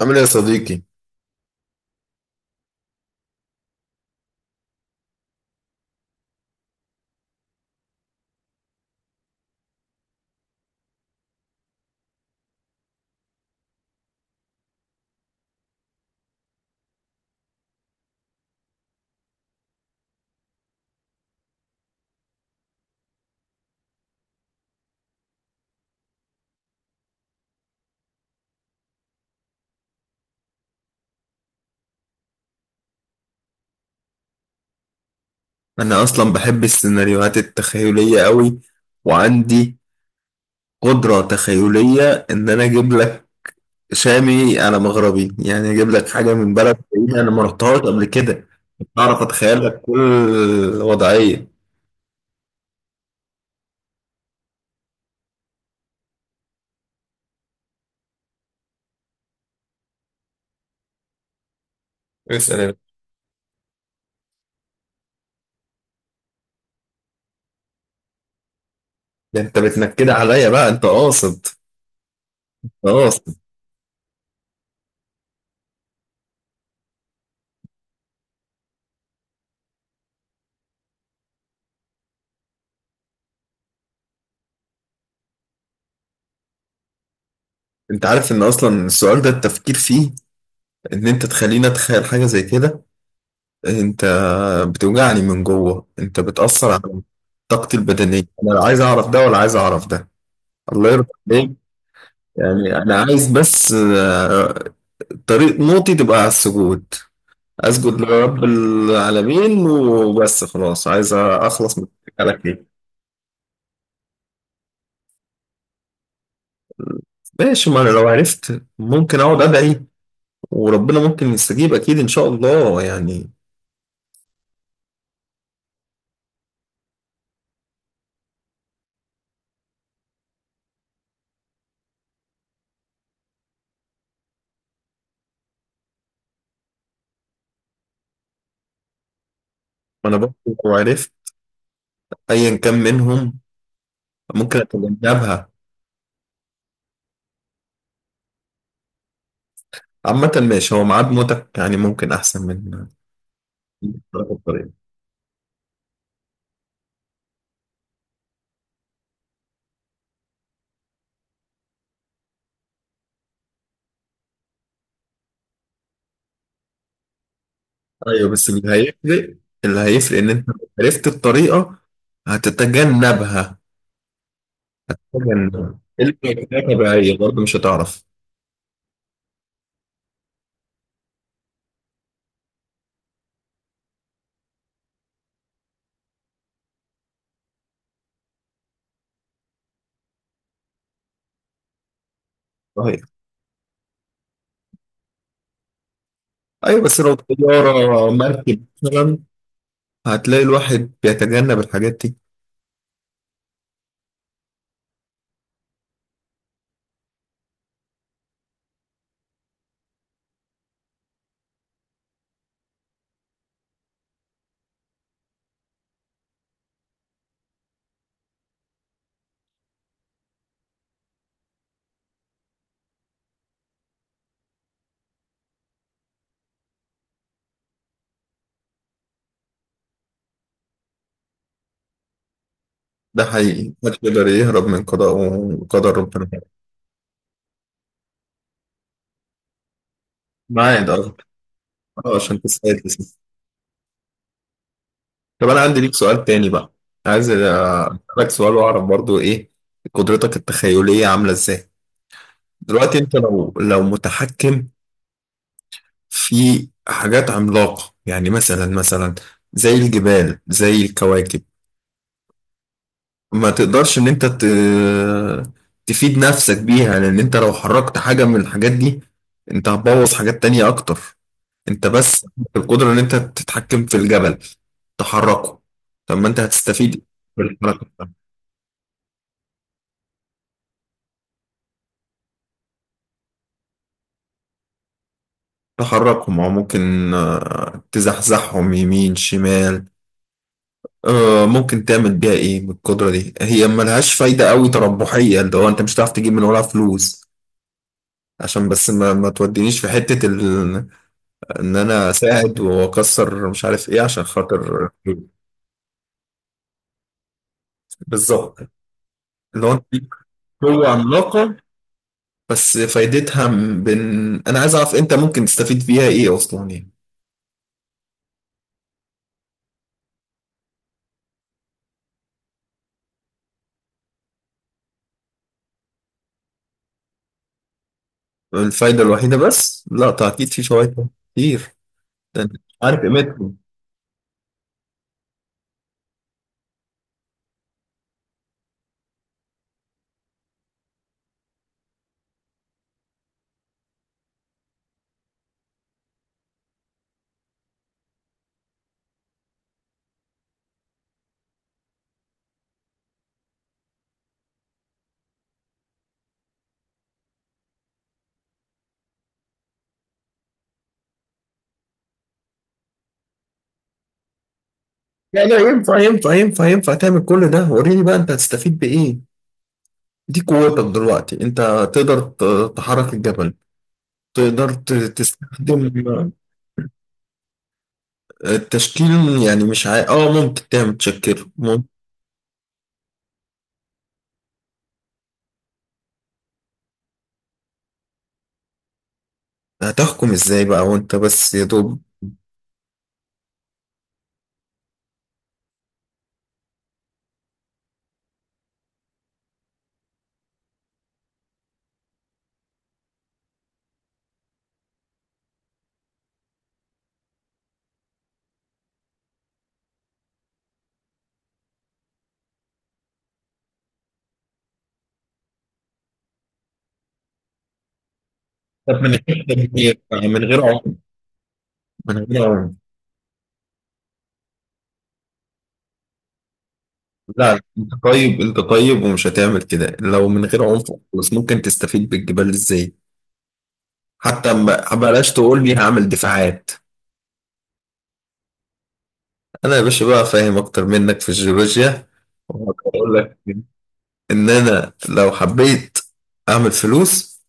عامل ايه يا صديقي؟ أنا أصلا بحب السيناريوهات التخيلية قوي، وعندي قدرة تخيلية إن أنا أجيب لك شامي على مغربي، يعني أجيب لك حاجة من بلد بعيدة أنا ما رحتهاش قبل كده. أعرف أتخيل لك كل وضعية. اسأل يا باشا. ده أنت بتنكد عليا بقى، أنت قاصد أنت قاصد. أنت عارف إن أصلا السؤال ده التفكير فيه، إن أنت تخليني أتخيل حاجة زي كده، انت بتوجعني من جوه، انت بتأثر على طاقتي البدنية. انا لا عايز اعرف ده ولا عايز اعرف ده، الله يرضى عليك. يعني انا عايز بس، طريق موتي تبقى على السجود، اسجد لرب العالمين وبس، خلاص عايز اخلص من على كده. ماشي، ما انا لو عرفت ممكن اقعد ادعي وربنا ممكن يستجيب، اكيد ان شاء الله يعني. ما انا برضه لو عرفت ايا كان منهم ممكن اتجنبها. عامة ماشي، هو ميعاد موتك يعني ممكن احسن من تعرف الطريقة. ايوه بس اللي هيفرق، اللي هيفرق ان انت لو عرفت الطريقة هتتجنبها، تجنبها. اللي هي طبيعية برضه مش هتعرف. صحيح. ايوه بس لو طيارة مركب مثلا هتلاقي الواحد بيتجنب الحاجات دي. ده حقيقي، محدش يقدر يهرب من قضاء وقدر ربنا. معاد اه. عشان تساعد جسمك. طب انا عندي ليك سؤال تاني بقى، عايز اسالك سؤال واعرف برضو ايه قدرتك التخيلية عاملة ازاي. دلوقتي انت لو متحكم في حاجات عملاقة، يعني مثلا زي الجبال زي الكواكب، ما تقدرش تفيد نفسك بيها، لان انت لو حركت حاجة من الحاجات دي انت هتبوظ حاجات تانية اكتر. انت بس القدرة ان انت تتحكم في الجبل تحركه، طب ما انت هتستفيد بالحركة. تحركهم او ممكن تزحزحهم يمين شمال. ممكن تعمل بيها ايه بالقدرة دي؟ هي ملهاش فايدة قوي تربحية، اللي هو انت مش هتعرف تجيب من وراها فلوس، عشان بس ما تودينيش في حتة ان انا اساعد واكسر مش عارف ايه عشان خاطر فلوس. بالظبط، اللي هو انت ليك قوة عملاقة، بس فايدتها انا عايز اعرف انت ممكن تستفيد بيها ايه اصلا يعني. الفايدة الوحيدة؟ بس لا، طيب اكيد في فوائد كتير، ده أنت عارف قيمتهم. لا لا، ينفع ينفع ينفع ينفع، تعمل كل ده. وريني بقى انت هتستفيد بايه، دي قوتك دلوقتي، انت تقدر تحرك الجبل، تقدر تستخدم التشكيل. يعني مش عا... اه ممكن تعمل تشكيل ممكن. هتحكم ازاي بقى وانت بس يا دوب؟ طب من غير تدبير، من غير عنف، من غير عنف. لا انت طيب، انت طيب ومش هتعمل كده. لو من غير عنف، بس ممكن تستفيد بالجبال ازاي؟ حتى ما بلاش تقول لي هعمل دفاعات. انا يا باشا بقى فاهم اكتر منك في الجيولوجيا وهقول لك ان انا لو حبيت اعمل فلوس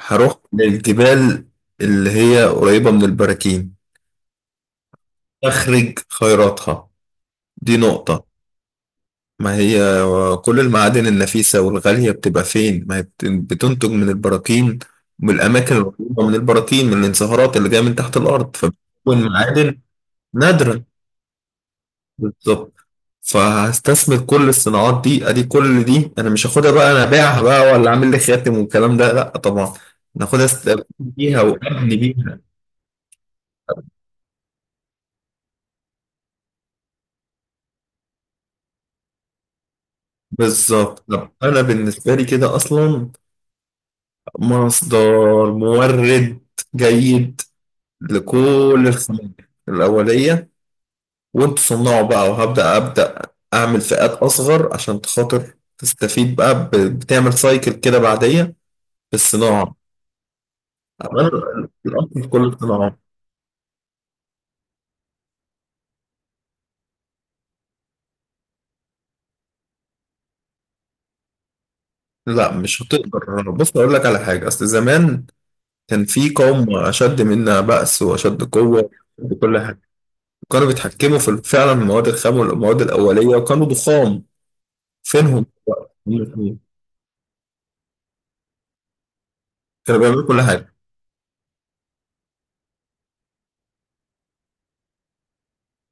هروح للجبال اللي هي قريبة من البراكين، اخرج خيراتها. دي نقطة، ما هي كل المعادن النفيسة والغالية بتبقى فين؟ ما هي بتنتج من البراكين، من الأماكن القريبة من البراكين، من الانصهارات اللي جاية من تحت الأرض، فبتكون معادن نادرة. بالظبط، فهستثمر كل الصناعات دي. ادي كل دي انا مش هاخدها بقى، انا ابيعها بقى ولا اعمل لي خاتم والكلام ده؟ لا طبعا، انا هاخدها استفيد بيها وابني بيها. بالظبط، طب انا بالنسبه لي كده اصلا مصدر، مورد جيد لكل الخامات الاوليه، وانتوا صنعوا بقى. وهبدا ابدا اعمل فئات اصغر عشان خاطر تستفيد بقى، بتعمل سايكل كده بعديه بالصناعه. أنا الأصل في كل الصناعات. لا مش هتقدر، بص اقول لك على حاجه، اصل زمان كان في قوم اشد منا بأس واشد قوه وكل حاجه، كانوا بيتحكموا في فعلا المواد الخام والمواد الاوليه وكانوا ضخام. فينهم دلوقتي؟ هم الاثنين. كانوا بيعملوا كل حاجه،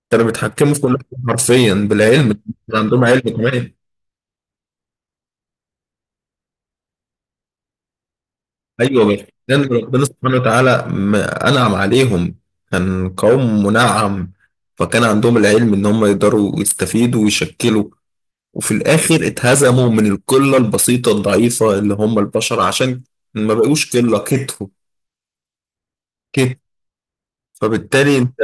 كانوا بيتحكموا في كل حاجه حرفيا بالعلم، كان عندهم علم كمان. ايوه بس لان ربنا سبحانه وتعالى انعم عليهم، كان قوم منعم، فكان عندهم العلم ان هم يقدروا يستفيدوا ويشكلوا، وفي الآخر اتهزموا من القلة البسيطة الضعيفة اللي هم البشر، عشان ما بقوش قلة، كتروا كتر. فبالتالي انت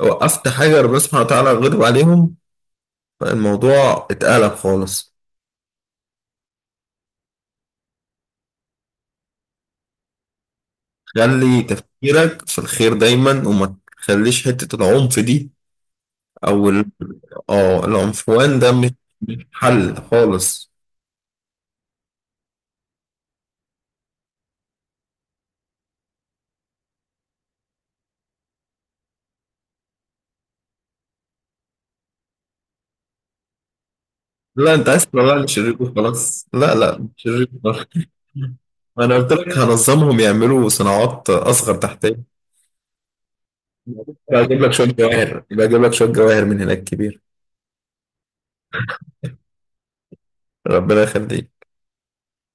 وقفت حجر بسمع تعالى، غلب عليهم، فالموضوع اتقلب خالص. خلي تفكيرك في الخير دايما، وما تخليش حتة العنف دي أو اه العنفوان ده مش مش حل خالص. لا انت عايز تطلع لي شرير وخلاص؟ لا لا، مش شرير وخلاص. انا قلت لك هنظمهم يعملوا صناعات اصغر تحتيه. بجيب لك شوية جواهر، بجيب لك شوية جواهر من هناك كبير. ربنا يخليك.